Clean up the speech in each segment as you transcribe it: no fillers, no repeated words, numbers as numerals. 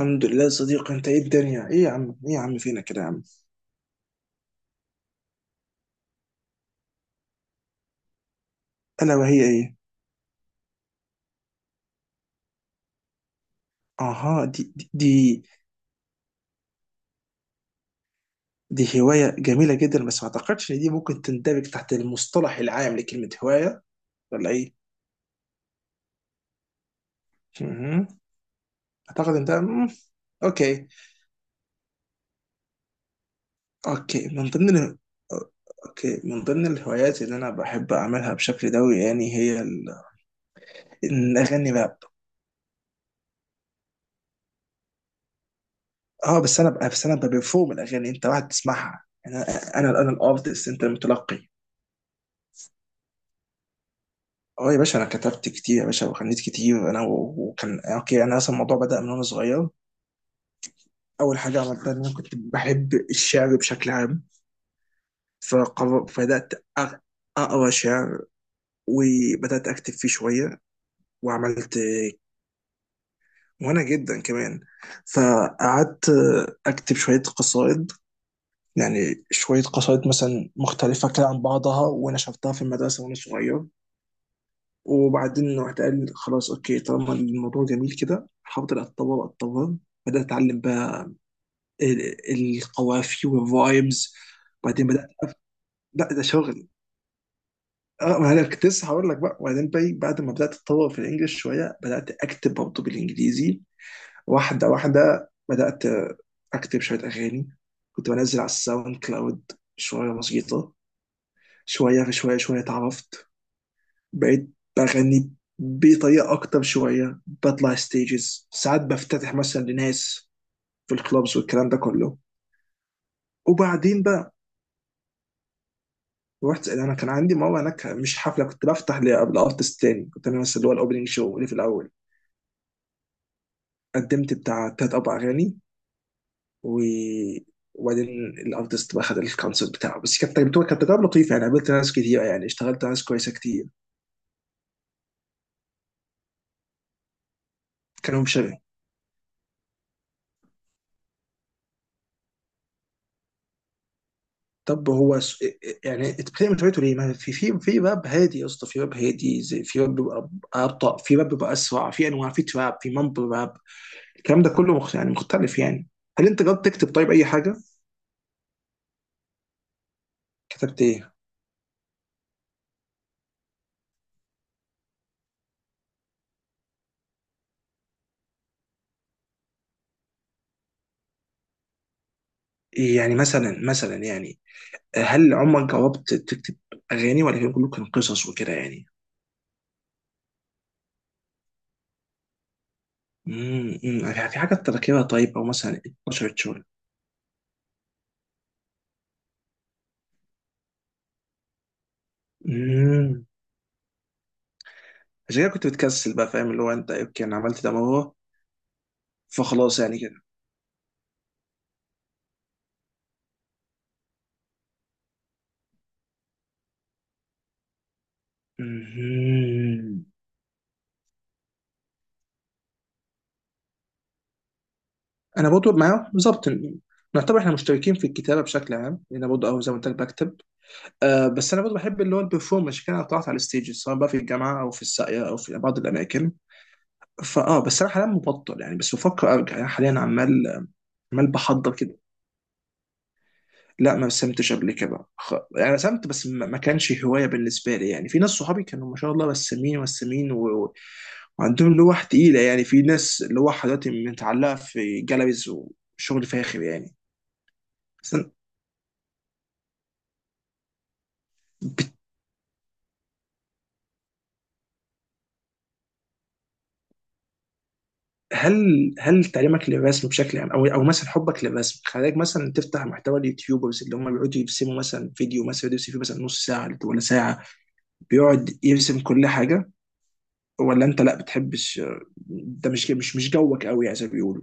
الحمد لله يا صديقي. انت ايه؟ الدنيا ايه يا عم؟ ايه يا عم فينا كده يا عم؟ الا وهي ايه؟ اها، دي هوايه جميله جدا، بس ما اعتقدش ان دي ممكن تندرج تحت المصطلح العام لكلمه هوايه، ولا ايه؟ مهم. اعتقد انت اوكي. اوكي من ضمن ال... اوكي من ضمن الهوايات اللي انا بحب اعملها بشكل دوري، يعني ان اغني راب. اه، بس انا ببرفورم الاغاني، انت واحد تسمعها. انا الارتست، انت المتلقي. اه يا باشا، انا كتبت كتير يا باشا، وغنيت كتير، انا وكان اوكي. انا اصلا الموضوع بدأ من وانا صغير. اول حاجه عملتها ان انا كنت بحب الشعر بشكل عام. فبدأت أغ- اقرا شعر، وبدأت اكتب فيه شويه، وعملت، وانا جدا كمان، فقعدت اكتب شويه قصائد، يعني شويه قصائد مثلا مختلفه كده عن بعضها، ونشرتها في المدرسه وانا صغير. وبعدين رحت قال خلاص اوكي، طالما الموضوع جميل كده حاولت اتطور اتطور. بدات اتعلم بقى ال- القوافي والفايبز. بعدين بدات، لا ده شغل. اه، ما انا كنت لسه هقول لك بقى. وبعدين بعد ما بدات اتطور في الانجليش شويه، بدات اكتب برضه بالانجليزي. واحده واحده بدات اكتب شويه اغاني، كنت بنزل على الساوند كلاود شويه بسيطه. شويه في شويه شويه اتعرفت، بقيت بغني بطريقه اكتر شويه، بطلع ستيجز، ساعات بفتتح مثلا لناس في الكلوبز والكلام ده كله. وبعدين بقى رحت، انا كان عندي مره هناك، مش حفله، كنت بفتح لارتست تاني، كنت انا مثلا اللي هو الاوبننج شو، اللي في الاول. قدمت بتاع تلات اربع اغاني، و وبعدين الارتست بقى خد الكونسرت بتاعه، بس كانت تجربه، كانت تجربه لطيفه يعني، قابلت ناس كتير، يعني اشتغلت مع ناس كويسه كتير. كانوا مش. طب هو س... يعني انت بتعمل تويتو ليه؟ ما في باب هادي يا اسطى، في باب هادي، زي في باب بيبقى ابطا، في باب بيبقى اسرع. في انواع، في تراب، في مامبل راب، الكلام ده كله يعني مختلف يعني. هل انت جربت تكتب طيب اي حاجه؟ كتبت ايه؟ يعني مثلا يعني، هل عمرك جربت تكتب اغاني، ولا كان كله كان قصص وكده يعني؟ أمم. في حاجه انت فاكرها طيب، او مثلا 12 شهور؟ امم عشان كده كنت بتكسل بقى، فاهم؟ اللي هو انت اوكي، انا عملت ده مرة، فخلاص يعني. مهم. انا برضه معاه بالظبط. نعتبر احنا مشتركين في الكتابه بشكل عام، لان برضه، أو زي ما قلت لك، بكتب. أه، بس انا برضه بحب اللي هو البرفورمانس كده. انا طلعت على الستيج سواء بقى في الجامعه، او في الساقيه، او في بعض الاماكن. فاه بس انا حاليا مبطل يعني، بس بفكر ارجع يعني، حاليا عمال، عمال بحضر كده. لا، ما رسمتش قبل كده. يعني رسمت، بس ما كانش هوايه بالنسبه لي يعني. في ناس صحابي كانوا ما شاء الله رسامين، ورسامين وعندهم لوح تقيله يعني، في ناس لوح دلوقتي متعلقه في جاليريز، وشغل فاخر يعني. بس أنا- بت- هل هل تعليمك للرسم بشكل عام، او او مثلا حبك للرسم، خلاك مثلا تفتح محتوى اليوتيوبرز اللي هم بيقعدوا يرسموا، مثلا فيديو، مثلا فيديو يرسم فيه مثلا نص ساعه ولا ساعه، بيقعد يرسم كل حاجه؟ ولا انت لا بتحبش؟ ده مش جوك قوي، يعني زي ما بيقولوا.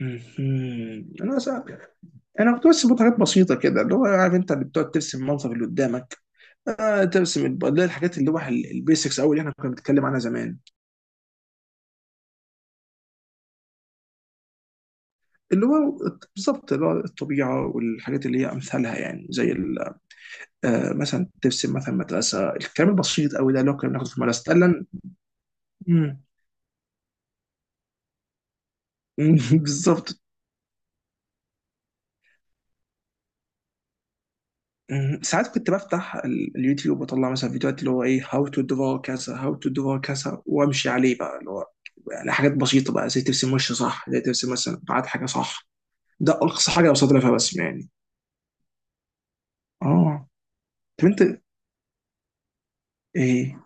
مهم. انا صعب، انا كنت بس بحط حاجات بسيطه كده، اللي هو، عارف انت، اللي بتقعد ترسم المنظر اللي قدامك. آه، ترسم اللي هي الحاجات اللي هو البيسكس، او اللي احنا كنا بنتكلم عنها زمان، اللي هو بالظبط اللي هو الطبيعه، والحاجات اللي هي امثالها، يعني زي آه مثلا ترسم مثلا مدرسه، الكلام البسيط قوي ده، اللي هو كنا بناخده في المدرسه فعلا. مم. بالظبط. مم. ساعات كنت بفتح اليوتيوب واطلع مثلا فيديوهات اللي هو ايه، هاو تو درا كذا، هاو تو درا كذا، وامشي عليه بقى، اللي هو يعني حاجات بسيطه بقى، زي ترسم وش صح، زي ترسم مثلا بعد حاجه صح. ده اقصى حاجه بوصل لها فيها بس يعني. اه. طب انت ايه؟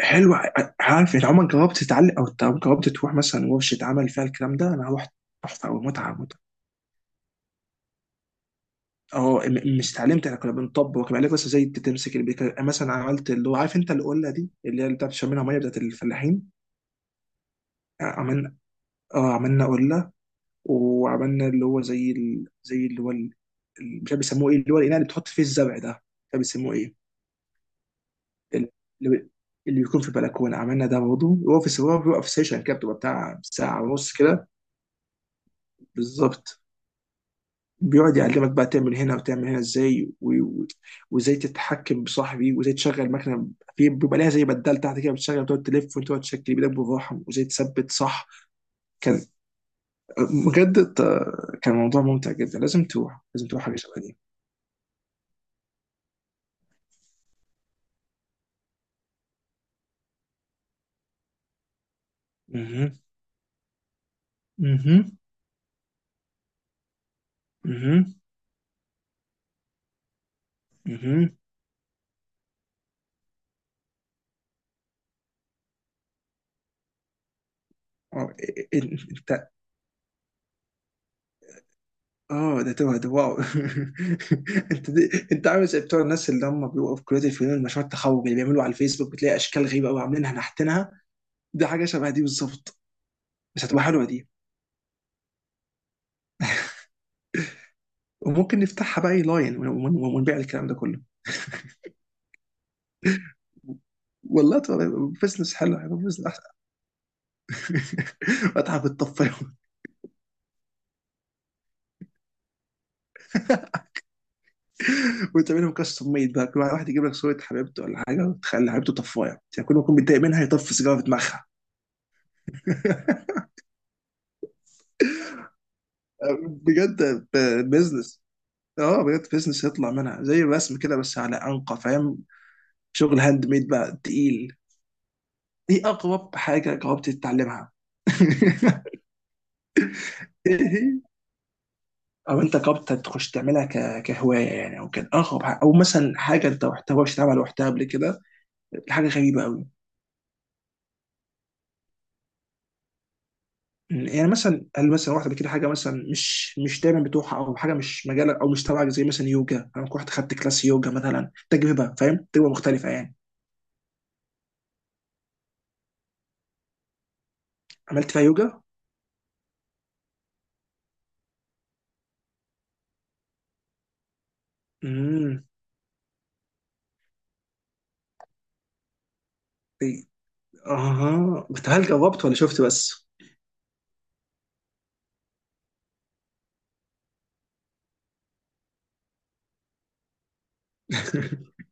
حلو. عارف انت، عمرك جربت تتعلم، او جربت تروح مثلا ورشه عمل فيها الكلام ده؟ انا رحت. تحفه، او متعه متعه. اه، مش اتعلمت، احنا كنا بنطبق كان عليك بس، زي تمسك البيكر مثلا. عملت اللي هو، عارف انت، القله دي اللي هي اللي بتاعت شمينها ميه، بتاعت الفلاحين. عملنا، اه عملنا قله، وعملنا اللي هو زي زي اللي هو مش عارف بيسموه ايه، اللي هو الاناء اللي بتحط فيه الزرع ده، مش عارف بيسموه ايه. ال- اللي بي- اللي بيكون في البلكونه، عملنا ده برضه. هو في، هو بيبقى في سيشن كده، بتبقى بتاع ساعه ونص كده. بالظبط. بيقعد يعلمك بقى تعمل هنا وتعمل هنا ازاي، وازاي تتحكم بصاحبي، وازاي تشغل مكنه، في بيبقى ليها زي بدال تحت كده، بتشغل، وتقعد تلف، وتقعد تشكل بايدك بالراحه، وازاي تثبت صح. كان بجد، كان موضوع ممتع جدا. لازم تروح، لازم تروح حاجه شبه دي. مهم. اها، اها، اها. اه. انت، اه، ده توه، ده واو. انت دي، انت عامل زي بتوع الناس اللي هم بيبقوا في كليه الفنون، مشروع التخرج اللي بيعملوا على الفيسبوك، بتلاقي اشكال غريبه قوي، عاملينها نحتينها. دي حاجه شبه دي بالظبط، بس هتبقى حلوه دي. وممكن نفتحها بقى اي لاين، ونبيع الكلام ده كله. والله تبقى بزنس حلو، هيبقى بزنس احسن. واتعب بالطفايه. وتعملهم كاستم ميد بقى، كل واحد يجيب لك صوره حبيبته ولا حاجه، وتخلي حبيبته طفايه، يعني كل ما يكون متضايق منها يطفي سيجاره في دماغها. بجد بزنس. اه بجد بزنس يطلع منها زي الرسم كده، بس على انقى فاهم، شغل هاند ميد بقى تقيل. ايه اغرب حاجه جربت تتعلمها؟ او انت جربت تخش تعملها كهوايه يعني، او كان اغرب حاجة، او مثلا حاجه انت محتواش تعمل وقتها قبل كده، حاجه غريبه قوي. يعني مثلا، هل مثلا واحده قبل كده حاجه مثلا مش دايما بتروحها، او حاجه مش مجالك او مش تبعك، زي مثلا يوجا؟ انا كنت رحت خدت كلاس يوجا مثلا، تجربه فاهم، تجربه مختلفه يعني. عملت فيها يوجا؟ امم. إي- اها، بس هل جربت ولا شفت بس؟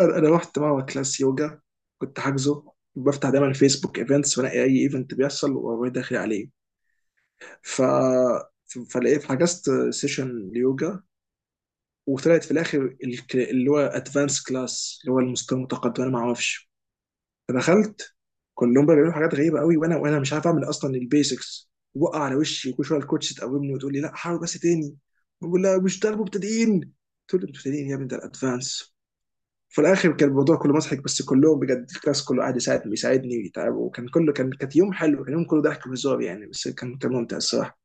انا، أنا رحت مره كلاس يوجا، كنت حاجزه. بفتح دايما فيسبوك ايفنتس، وانقي اي ايفنت بيحصل واروح داخل عليه. ف، فلقيت حجزت سيشن ليوجا، وطلعت في الاخر اللي هو ادفانس كلاس، اللي هو المستوى المتقدم، انا ما اعرفش. فدخلت، كلهم بقى بيعملوا حاجات غريبه قوي، وانا مش عارف اعمل اصلا. البيسكس وقع على وشي، وكل شويه الكوتش تقومني وتقول لي لا حاول بس تاني. بقول لها مش ده المبتدئين؟ تقول لي المبتدئين يا ابني ده الادفانس. في الاخر كان الموضوع كله مضحك، بس كلهم بجد، الكلاس كله قاعد يساعد، بيساعدني ويتعب، وكان كله كان، كانت يوم حلو، كان يوم كله ضحك وهزار يعني، بس كان، كان ممتع الصراحه.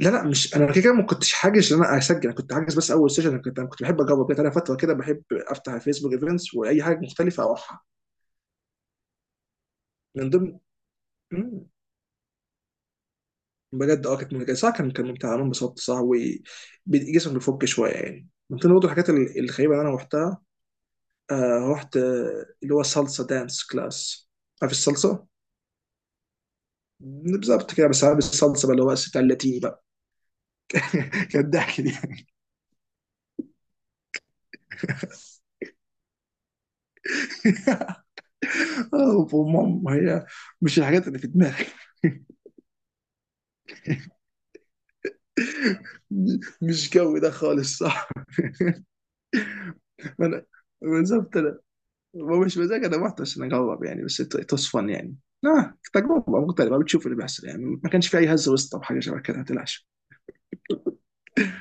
لا لا، مش انا كده كده ما كنتش حاجز ان انا اسجل، انا كنت حاجز بس اول سيشن. انا كنت، انا كنت بحب اجرب كده. انا فتره كده بحب افتح الفيسبوك ايفنتس، واي حاجه مختلفه اروحها. من ضمن، بجد اه كانت ممتعه صح، كان، كان ممتع، انا انبسطت صح. وجسمك بيفك شويه يعني. من ضمن برضه الحاجات الغريبه اللي انا رحتها، رحت اللي هو صلصه دانس كلاس. عارف الصلصه؟ بالظبط كده، بس عارف الصلصه بقى اللي هو بتاع اللاتيني بقى. كانت ضحك دي. وماما هي، مش الحاجات اللي في دماغي. مش جو ده خالص صح. انا بالظبط. ومش مزاج، انا رحت عشان اجرب يعني، بس تصفن يعني. لا تجربه مختلفه، بتشوف اللي بيحصل يعني، ما كانش في اي هزه وسط او حاجه شبه كده، ما تقلقش.